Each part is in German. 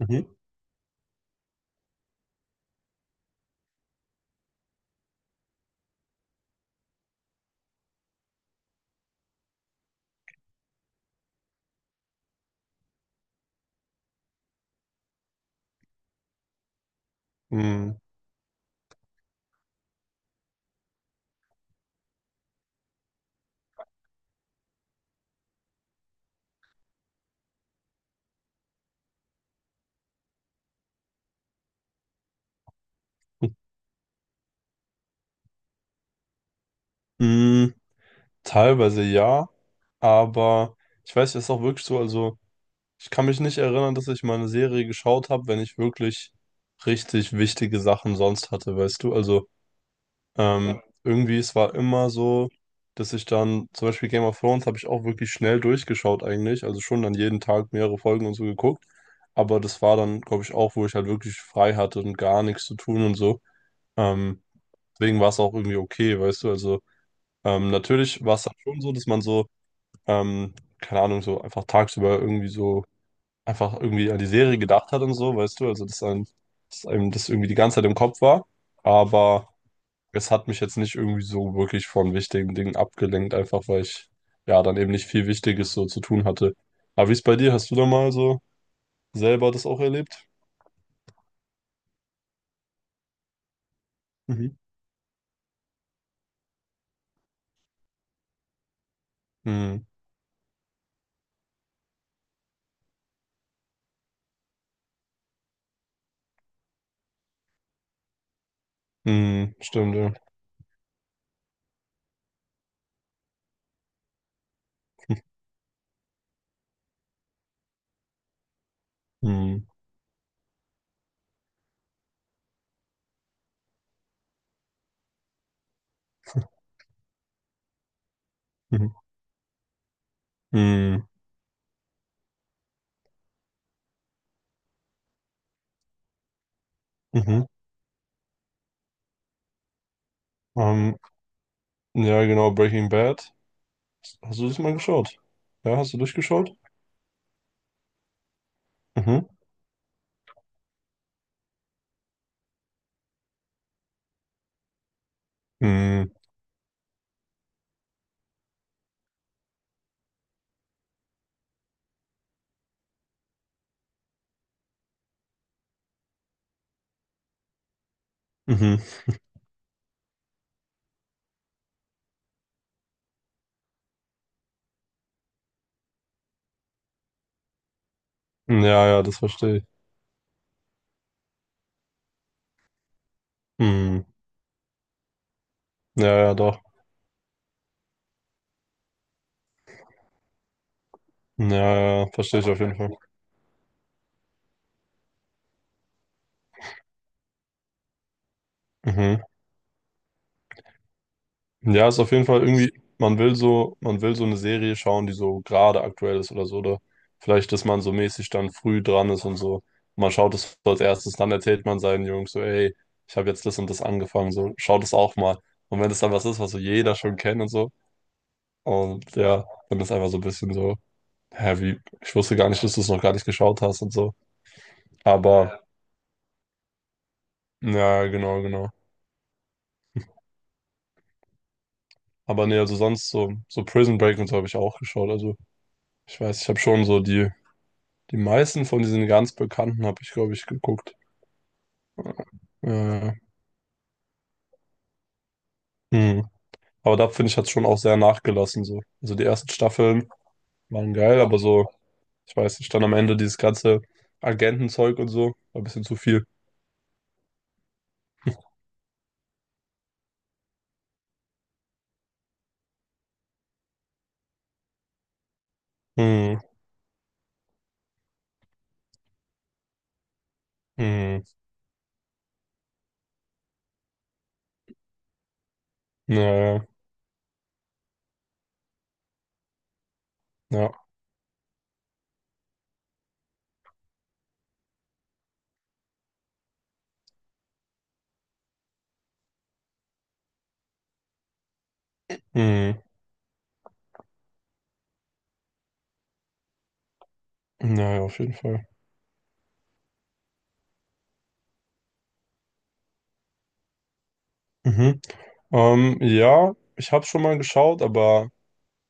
Mhm. Mhm. Mhm. Teilweise ja, aber ich weiß, es ist auch wirklich so, also ich kann mich nicht erinnern, dass ich mal eine Serie geschaut habe, wenn ich wirklich richtig wichtige Sachen sonst hatte, weißt du? Also irgendwie, es war immer so, dass ich dann, zum Beispiel Game of Thrones habe ich auch wirklich schnell durchgeschaut eigentlich, also schon dann jeden Tag mehrere Folgen und so geguckt, aber das war dann, glaube ich, auch, wo ich halt wirklich frei hatte und gar nichts zu tun und so. Ähm, Deswegen war es auch irgendwie okay, weißt du? Also natürlich war es dann schon so, dass man so, ähm, keine Ahnung, so einfach tagsüber irgendwie so einfach irgendwie an die Serie gedacht hat und so, weißt du, also dass einem das irgendwie die ganze Zeit im Kopf war, aber es hat mich jetzt nicht irgendwie so wirklich von wichtigen Dingen abgelenkt, einfach weil ich ja dann eben nicht viel Wichtiges so zu tun hatte. Aber wie ist bei dir? Hast du da mal so selber das auch erlebt? Mhm. Mhm. Mhm. Stimmt, ja. Mhm. Mhm. Mhm. Mhm. Mhm. Ähm, ja, genau, Breaking Bad. Hast du das mal geschaut? Ja, hast du durchgeschaut? Mhm. Mhm. Mhm. Ja, ja, das verstehe ich. Mhm. Ja, ja, doch. Ja, ja, ja, verstehe ich auf jeden Fall. Mhm. Ja, ist auf jeden Fall irgendwie, man will so eine Serie schauen, die so gerade aktuell ist oder so, oder vielleicht, dass man so mäßig dann früh dran ist und so. Man schaut es so als erstes, dann erzählt man seinen Jungs so, ey, ich habe jetzt das und das angefangen, so, schaut es auch mal. Und wenn es dann was ist, was so jeder schon kennt und so, und ja, dann ist einfach so ein bisschen so. Hä, wie, ich wusste gar nicht, dass du es noch gar nicht geschaut hast und so. Aber, ja. Ja, genau, genau. Aber nee, also sonst so, so Prison Break und so habe ich auch geschaut. Also, ich weiß, ich habe schon so die, die meisten von diesen ganz Bekannten habe ich, glaube ich, geguckt. Ja, ja. Ja. Hm. Aber da finde ich, hat es schon auch sehr nachgelassen, so. Also, die ersten Staffeln waren geil, aber so, ich weiß nicht, dann am Ende dieses ganze Agentenzeug und so, war ein bisschen zu viel. Hm, hm, naja, ja, ja, hm, naja, auf jeden Fall. Mhm. Ja, ich habe schon mal geschaut, aber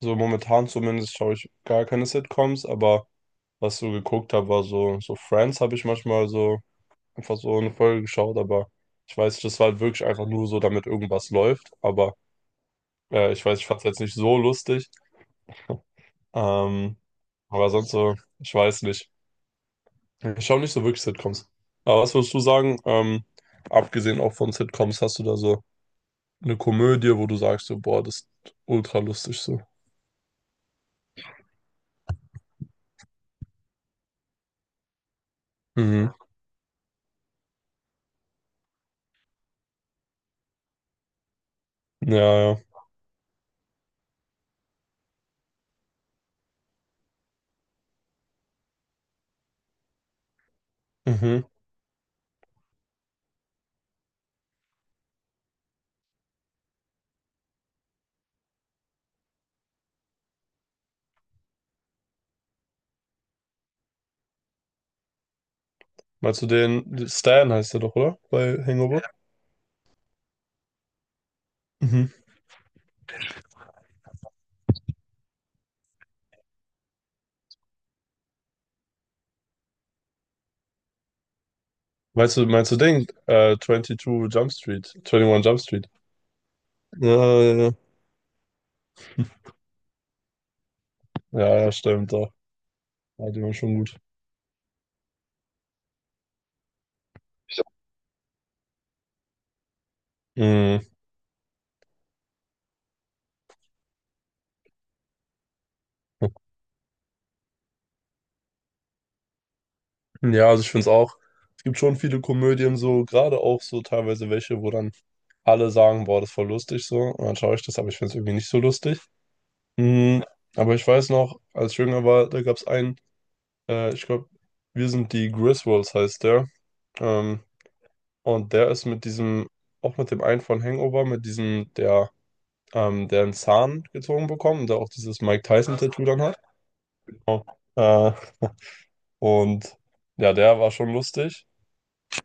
so momentan zumindest schaue ich gar keine Sitcoms, aber was ich so geguckt habe, war so, so Friends habe ich manchmal so einfach so eine Folge geschaut, aber ich weiß nicht, das war halt wirklich einfach nur so, damit irgendwas läuft, aber ich weiß, ich fand es jetzt nicht so lustig, ähm, aber sonst so, ich weiß nicht. Ich schaue nicht so wirklich Sitcoms. Aber was würdest du sagen, abgesehen auch von Sitcoms, hast du da so eine Komödie, wo du sagst, so, boah, das ist ultra lustig so? Mhm. Ja, ja. Mhm. Meinst du den, Stan heißt er doch, oder? Bei Hangover? Mhm. Meinst du den, 22 Jump Street, 21 Jump Street? Ja, ja, ja. Ja, ja, stimmt, doch. Ja, die waren schon gut. Mhm. Ja, also ich finde es auch, es gibt schon viele Komödien so, gerade auch so teilweise welche, wo dann alle sagen, boah, das ist voll lustig so. Und dann schaue ich das, aber ich finde es irgendwie nicht so lustig. Mhm. Aber ich weiß noch, als ich jünger war, da gab es einen, ich glaube, wir sind die Griswolds heißt der. Ähm, Und der ist mit diesem, auch mit dem einen von Hangover, mit diesem, der, der einen Zahn gezogen bekommen, der auch dieses Mike Tyson-Tattoo dann hat. Genau. Äh, und ja, der war schon lustig.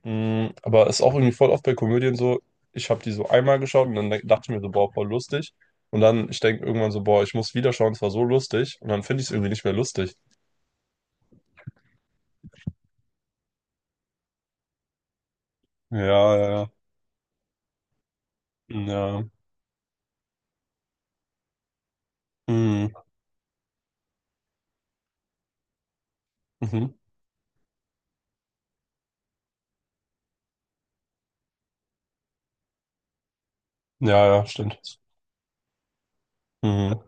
Mm, aber ist auch irgendwie voll oft bei Komödien so, ich habe die so einmal geschaut und dann dachte ich mir so, boah, voll lustig. Und dann, ich denke irgendwann so, boah, ich muss wieder schauen, es war so lustig. Und dann finde ich es irgendwie nicht mehr lustig. Ja, ja, ja. Ja. Mm, mhm. Ja, ja, stimmt. Mhm.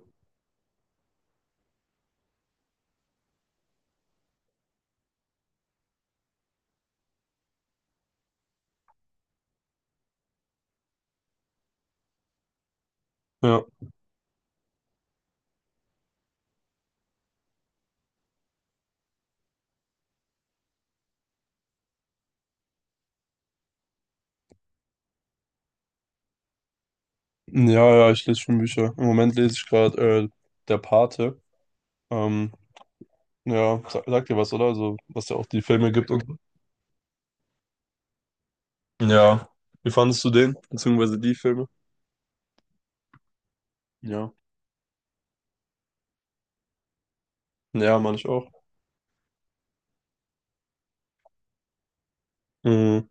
Ja. Ja, ja, ich lese schon Bücher. Im Moment lese ich gerade Der Pate. Ähm, ja, sagt dir was, oder? Also, was ja auch die Filme gibt und so. Ja. Wie fandest du den? Beziehungsweise die Filme? Ja. Ja, meine ich auch. Mhm.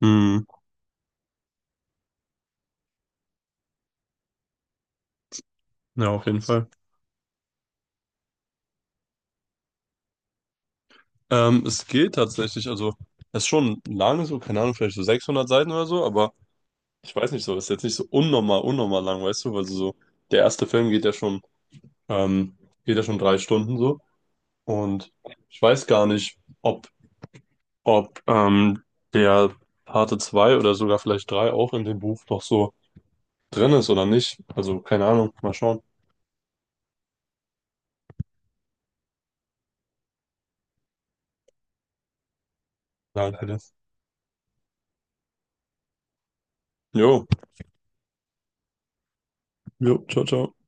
Mhm. Ja, auf jeden Fall. Es geht tatsächlich, also, es ist schon lange so, keine Ahnung, vielleicht so 600 Seiten oder so, aber ich weiß nicht so, ist jetzt nicht so unnormal lang, weißt du, weil so, so, der erste Film ähm, geht ja schon 3 Stunden so und ich weiß gar nicht, ob der Parte 2 oder sogar vielleicht 3 auch in dem Buch noch so drin ist oder nicht. Also keine Ahnung, mal schauen. Nein, alles. Jo, jo, ciao, ciao.